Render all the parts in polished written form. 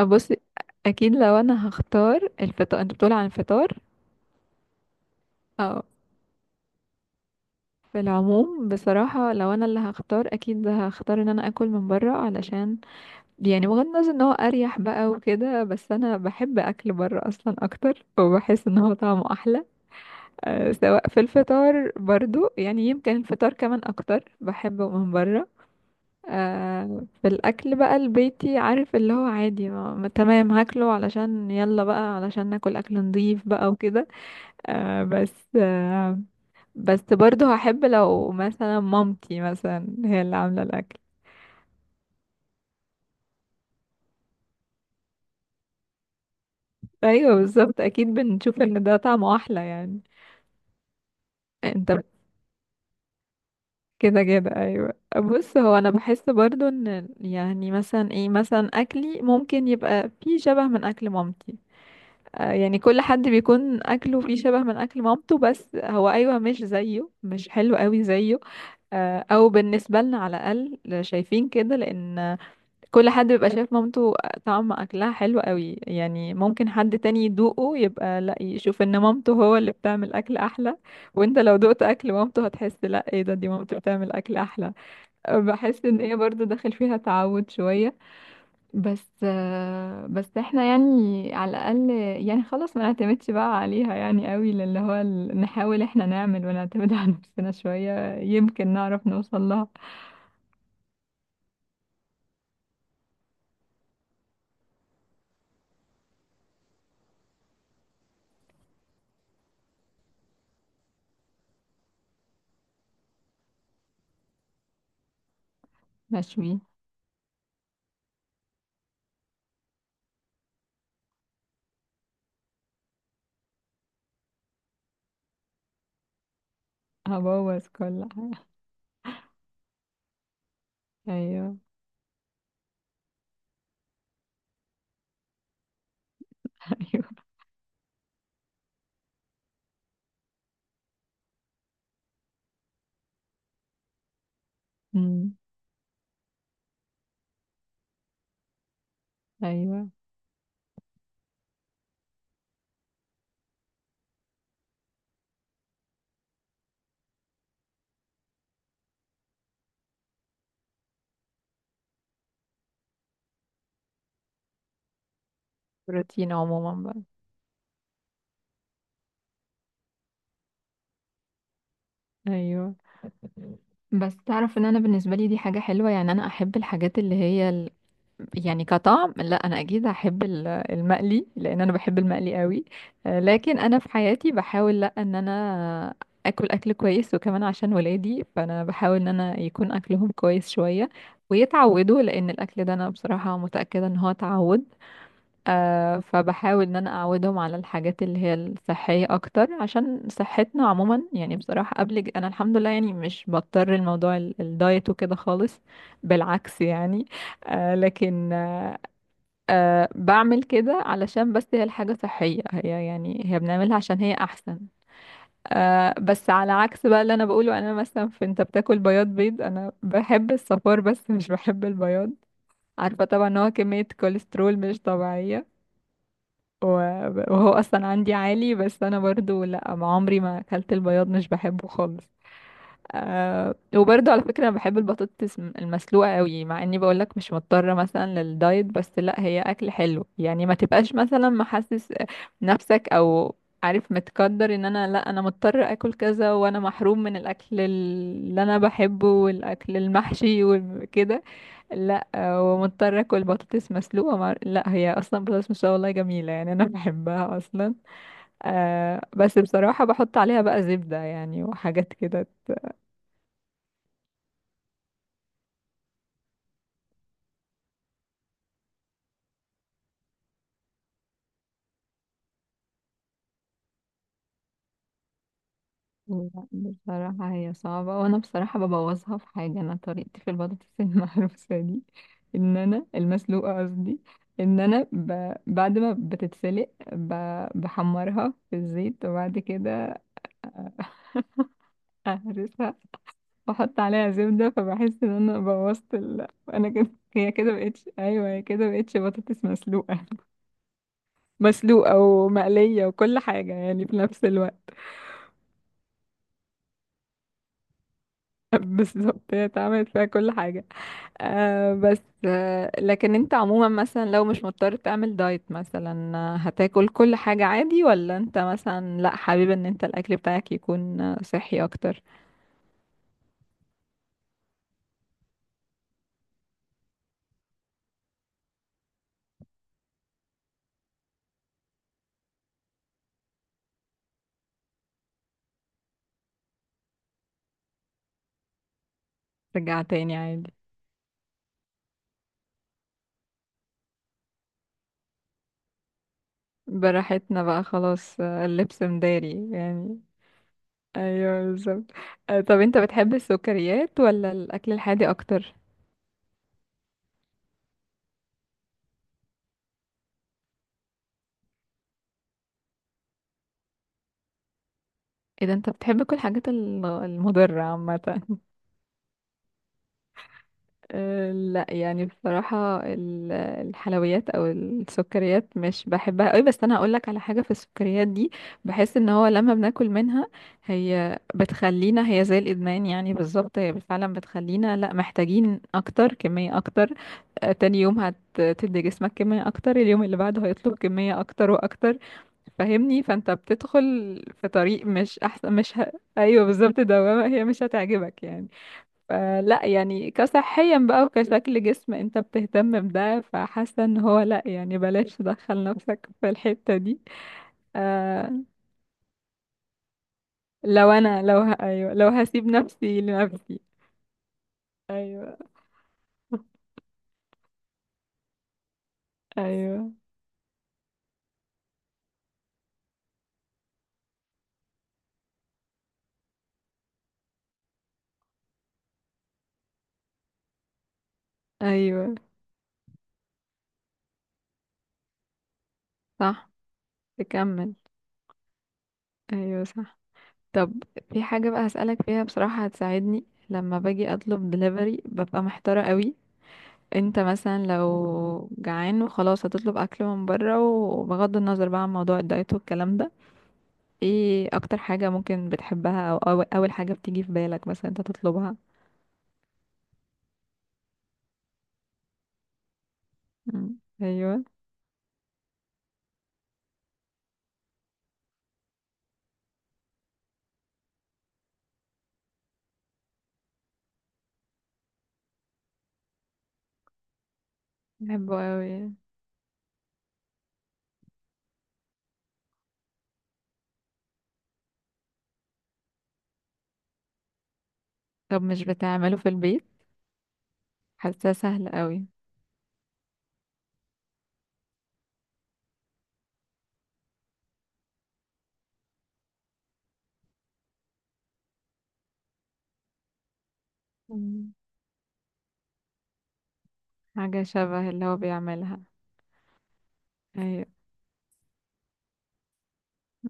بص، اكيد لو انا هختار الفطار انت بتقول عن الفطار. اه، في العموم بصراحة لو انا اللي هختار اكيد هختار ان انا اكل من برا، علشان يعني بغض النظر ان هو اريح بقى وكده، بس انا بحب اكل برا اصلا اكتر وبحس ان هو طعمه احلى. أه، سواء في الفطار برضو، يعني يمكن الفطار كمان اكتر بحبه من برا. أه، في الاكل بقى البيتي عارف اللي هو عادي، تمام هاكله علشان يلا بقى علشان ناكل اكل نضيف بقى وكده. آه، بس آه، بس برضه هحب لو مثلا مامتي مثلا هي اللي عاملة الأكل. أيوة بالظبط، أكيد بنشوف إن ده طعمه أحلى يعني. أنت كده كده، أيوة بص، هو أنا بحس برضه إن يعني مثلا إيه، مثلا أكلي ممكن يبقى فيه شبه من أكل مامتي. آه، يعني كل حد بيكون أكله فيه شبه من أكل مامته، بس هو أيوة مش زيه، مش حلو قوي زيه. آه، أو بالنسبة لنا على الأقل، شايفين كده لأن كل حد بيبقى شايف مامته طعم اكلها حلو قوي، يعني ممكن حد تاني يدوقه يبقى لا، يشوف ان مامته هو اللي بتعمل اكل احلى. وانت لو دقت اكل مامته هتحس لا، ايه ده، دي مامته بتعمل اكل احلى. أه، بحس ان هي برضو داخل فيها تعود شوية. بس آه، بس احنا يعني على الاقل يعني خلاص ما نعتمدش بقى عليها يعني قوي، نحاول احنا نعمل ونعتمد على نفسنا شوية يمكن نعرف نوصل لها. مشوي. هبوظ كل حاجة. ايوه. ايوه. امم ايوه. بروتين عموما بقى. ايوه، بس تعرف ان انا بالنسبه لي دي حاجه حلوه، يعني انا احب الحاجات اللي هي ال... يعني كطعم لا، انا اكيد هحب المقلي لان انا بحب المقلي قوي. آه، لكن انا في حياتي بحاول لا، ان انا اكل اكل كويس، وكمان عشان ولادي فانا بحاول ان انا يكون اكلهم كويس شويه ويتعودوا، لان الاكل ده انا بصراحه متاكده ان هو تعود. آه، فبحاول ان انا اعودهم على الحاجات اللي هي الصحية اكتر عشان صحتنا عموما، يعني بصراحة قبل انا الحمد لله يعني مش بضطر الموضوع الدايت وكده خالص، بالعكس يعني. آه لكن آه آه، بعمل كده علشان بس هي الحاجة صحية، هي يعني هي بنعملها عشان هي احسن. آه، بس على عكس بقى اللي انا بقوله، انا مثلا في، انت بتاكل بياض بيض، انا بحب الصفار بس مش بحب البياض، عارفة طبعا ان هو كمية كوليسترول مش طبيعية، و- وهو اصلا عندي عالي، بس انا برضو لا، ما عمري ما اكلت البياض مش بحبه خالص. أه، وبرضو على فكرة انا بحب البطاطس المسلوقة قوي، مع اني بقولك مش مضطرة مثلا للدايت، بس لا هي اكل حلو يعني، ما تبقاش مثلا محسس نفسك، او عارف، متقدر ان انا لا، انا مضطر اكل كذا وانا محروم من الاكل اللي انا بحبه والاكل المحشي وكده، لا. آه، ومضطرة اكل بطاطس مسلوقة مع... لا هي اصلا بطاطس مسلوقة والله جميلة، يعني انا بحبها اصلا. أه، بس بصراحة بحط عليها بقى زبدة يعني وحاجات كده لا، بصراحة هي صعبة، وأنا بصراحة ببوظها في حاجة، أنا طريقتي في البطاطس المهروسة دي، إن أنا المسلوقة قصدي، إن أنا ب... بعد ما بتتسلق ب... بحمرها في الزيت، وبعد كده أهرسها، بحط عليها زبدة، فبحس ان انا بوظت ال... انا كده هي كده بقتش، ايوه هي كده بقتش بطاطس مسلوقة مسلوقة ومقلية وكل حاجة يعني في نفس الوقت. بالظبط، هي اتعملت فيها كل حاجة. آه بس آه لكن انت عموما مثلا لو مش مضطر تعمل دايت مثلا، آه، هتاكل كل حاجة عادي ولا انت مثلا لا حابب ان انت الاكل بتاعك يكون آه، صحي اكتر؟ رجع تاني عادي. براحتنا بقى خلاص، آه، اللبس مداري يعني. ايوه بالظبط. آه، طب انت بتحب السكريات ولا الاكل الحادق اكتر؟ ايه ده، انت بتحب كل الحاجات المضرة عامة. آه، لا يعني بصراحة الحلويات او السكريات مش بحبها قوي، بس انا هقولك على حاجة، في السكريات دي بحس ان هو لما بناكل منها هي بتخلينا، هي زي الادمان يعني بالظبط، هي فعلا بتخلينا لا، محتاجين اكتر، كمية اكتر. آه، تاني يوم هتدي جسمك كمية اكتر، اليوم اللي بعده هيطلب كمية اكتر واكتر، فاهمني؟ فانت بتدخل في طريق مش احسن، مش ه... ايوه بالظبط، دوامة هي مش هتعجبك يعني. فلا يعني كصحيا بقى وكشكل جسم انت بتهتم بده، فحاسه ان هو لا، يعني بلاش تدخل نفسك في الحتة دي. آه، لو انا لو ه... ايوه لو هسيب نفسي لنفسي. ايوه. ايوه. ايوه صح، تكمل. ايوه صح. طب، في حاجة بقى هسألك فيها، بصراحة هتساعدني لما باجي اطلب دليفري ببقى محتارة قوي. انت مثلا لو جعان وخلاص هتطلب اكل من بره، وبغض النظر بقى عن موضوع الدايت والكلام ده، ايه اكتر حاجة ممكن بتحبها او اول حاجة بتيجي في بالك مثلا انت تطلبها؟ مم. ايوه. بحبه قوي. طب مش بتعمله في البيت؟ حاساه سهل قوي. مم. حاجة شبه اللي هو بيعملها. ايوه.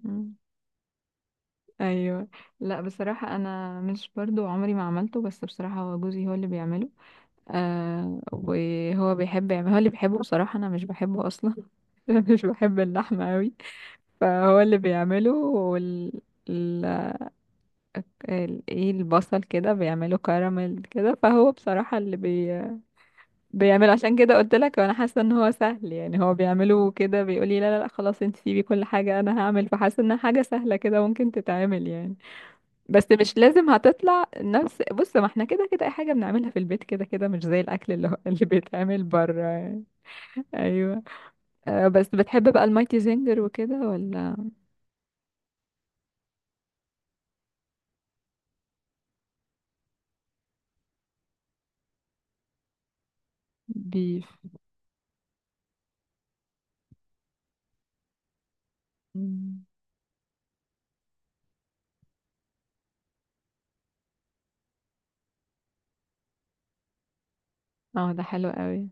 مم. ايوه. لا بصراحة انا مش برضو عمري ما عملته، بس بصراحة هو جوزي هو اللي بيعمله. آه، وهو بيحب يعمل، هو اللي بيحبه، بصراحة انا مش بحبه اصلا. مش بحب اللحمة قوي. فهو اللي بيعمله وال، ال... ال... ايه، البصل كده بيعمله كراميل كده، فهو بصراحة اللي بي... بيعمله، عشان كده قلت لك وانا حاسة ان هو سهل، يعني هو بيعمله كده بيقولي لا لا لا خلاص انت سيبي كل حاجة انا هعمل، فحاسة انها حاجة سهلة كده ممكن تتعمل يعني. بس مش لازم هتطلع نفس، بص ما احنا كده كده اي حاجة بنعملها في البيت كده كده مش زي الاكل اللي هو اللي بيتعمل بره يعني. ايوه. آه، بس بتحب بقى المايتي زنجر وكده ولا؟ بيف. مم. اه ده حلو قوي.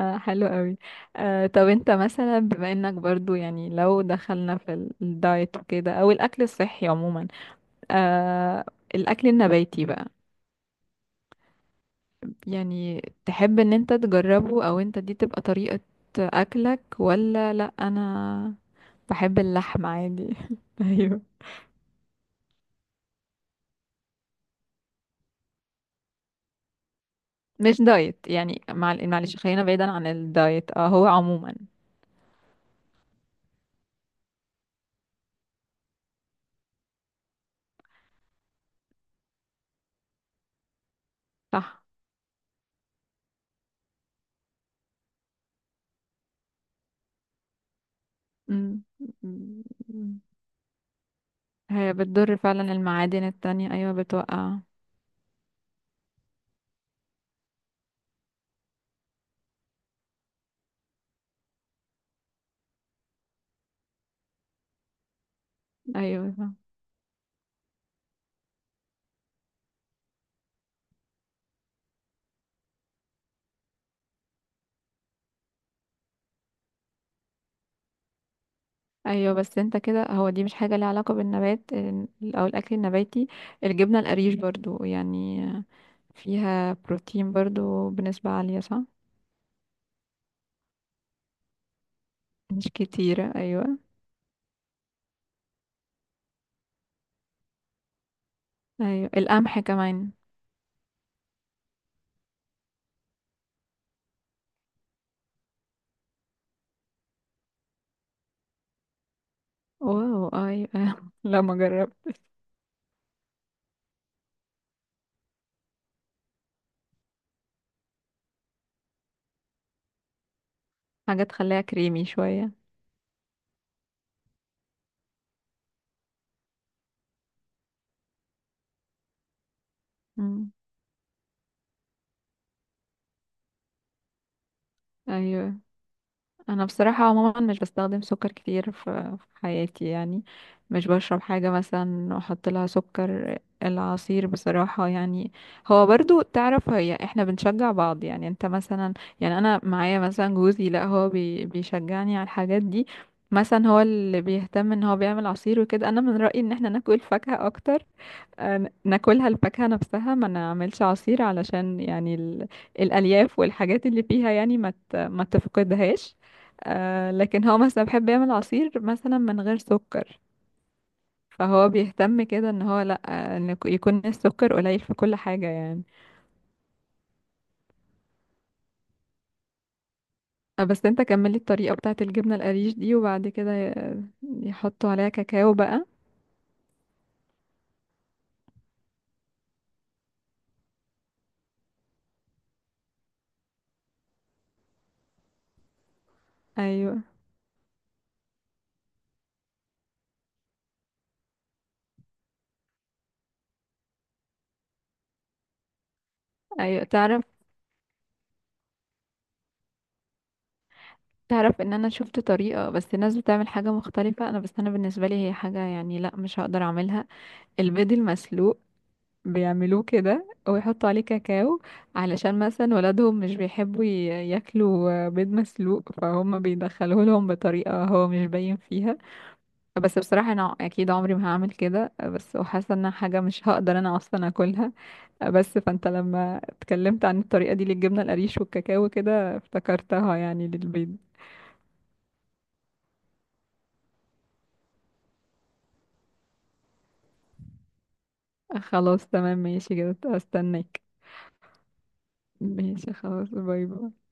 آه حلو قوي. آه، طب انت مثلا بما انك برضو يعني لو دخلنا في الدايت وكده او الاكل الصحي عموما، آه، الاكل النباتي بقى، يعني تحب ان انت تجربه او انت دي تبقى طريقة اكلك ولا لا؟ انا بحب اللحمة عادي. ايوه. مش دايت يعني معلش، خلينا بعيدا عن الدايت، اه هو عموما. صح. مم. هي بتضر فعلا المعادن التانية، ايوه بتوقع. ايوه صح. ايوه، بس انت كده هو دي مش حاجة ليها علاقة بالنبات او الاكل النباتي. الجبنة القريش برضو يعني فيها بروتين برضو بنسبة عالية، صح؟ مش كتيرة، ايوه. ايوه، القمح كمان. واو، ايوه. لا ما جربت. حاجة تخليها كريمي شوية. مم. ايوه. انا بصراحه عموما مش بستخدم سكر كتير في في حياتي يعني، مش بشرب حاجه مثلا احط لها سكر، العصير بصراحه يعني. هو برضو تعرف هي احنا بنشجع بعض، يعني انت مثلا، يعني انا معايا مثلا جوزي، لا هو بيشجعني على الحاجات دي، مثلا هو اللي بيهتم ان هو بيعمل عصير وكده، انا من رايي ان احنا ناكل فاكهه اكتر. آه، ناكلها الفاكهة نفسها، ما نعملش عصير علشان يعني ال... الألياف والحاجات اللي فيها يعني ما ت... ما تفقدهاش. آه، لكن هو مثلا بيحب يعمل عصير مثلا من غير سكر، فهو بيهتم كده ان هو لا، آه، ان يكون السكر قليل في كل حاجة يعني. آه، بس انت كملي الطريقة بتاعة الجبنة القريش دي، وبعد كده يحطوا عليها كاكاو بقى؟ ايوه. ايوه تعرف، تعرف ان انا شفت طريقة، بس الناس بتعمل حاجة مختلفة انا، بس انا بالنسبة لي هي حاجة يعني لا، مش هقدر اعملها. البيض المسلوق بيعملوه كده ويحطوا عليه كاكاو، علشان مثلا ولادهم مش بيحبوا ياكلوا بيض مسلوق، فهم بيدخلوه لهم بطريقة هو مش باين فيها، بس بصراحة انا اكيد عمري ما هعمل كده، بس وحاسة انها حاجة مش هقدر انا اصلا اكلها. بس فانت لما اتكلمت عن الطريقة دي للجبنة القريش والكاكاو كده افتكرتها يعني للبيض. خلاص تمام ماشي كده، استناك. ماشي خلاص، باي باي.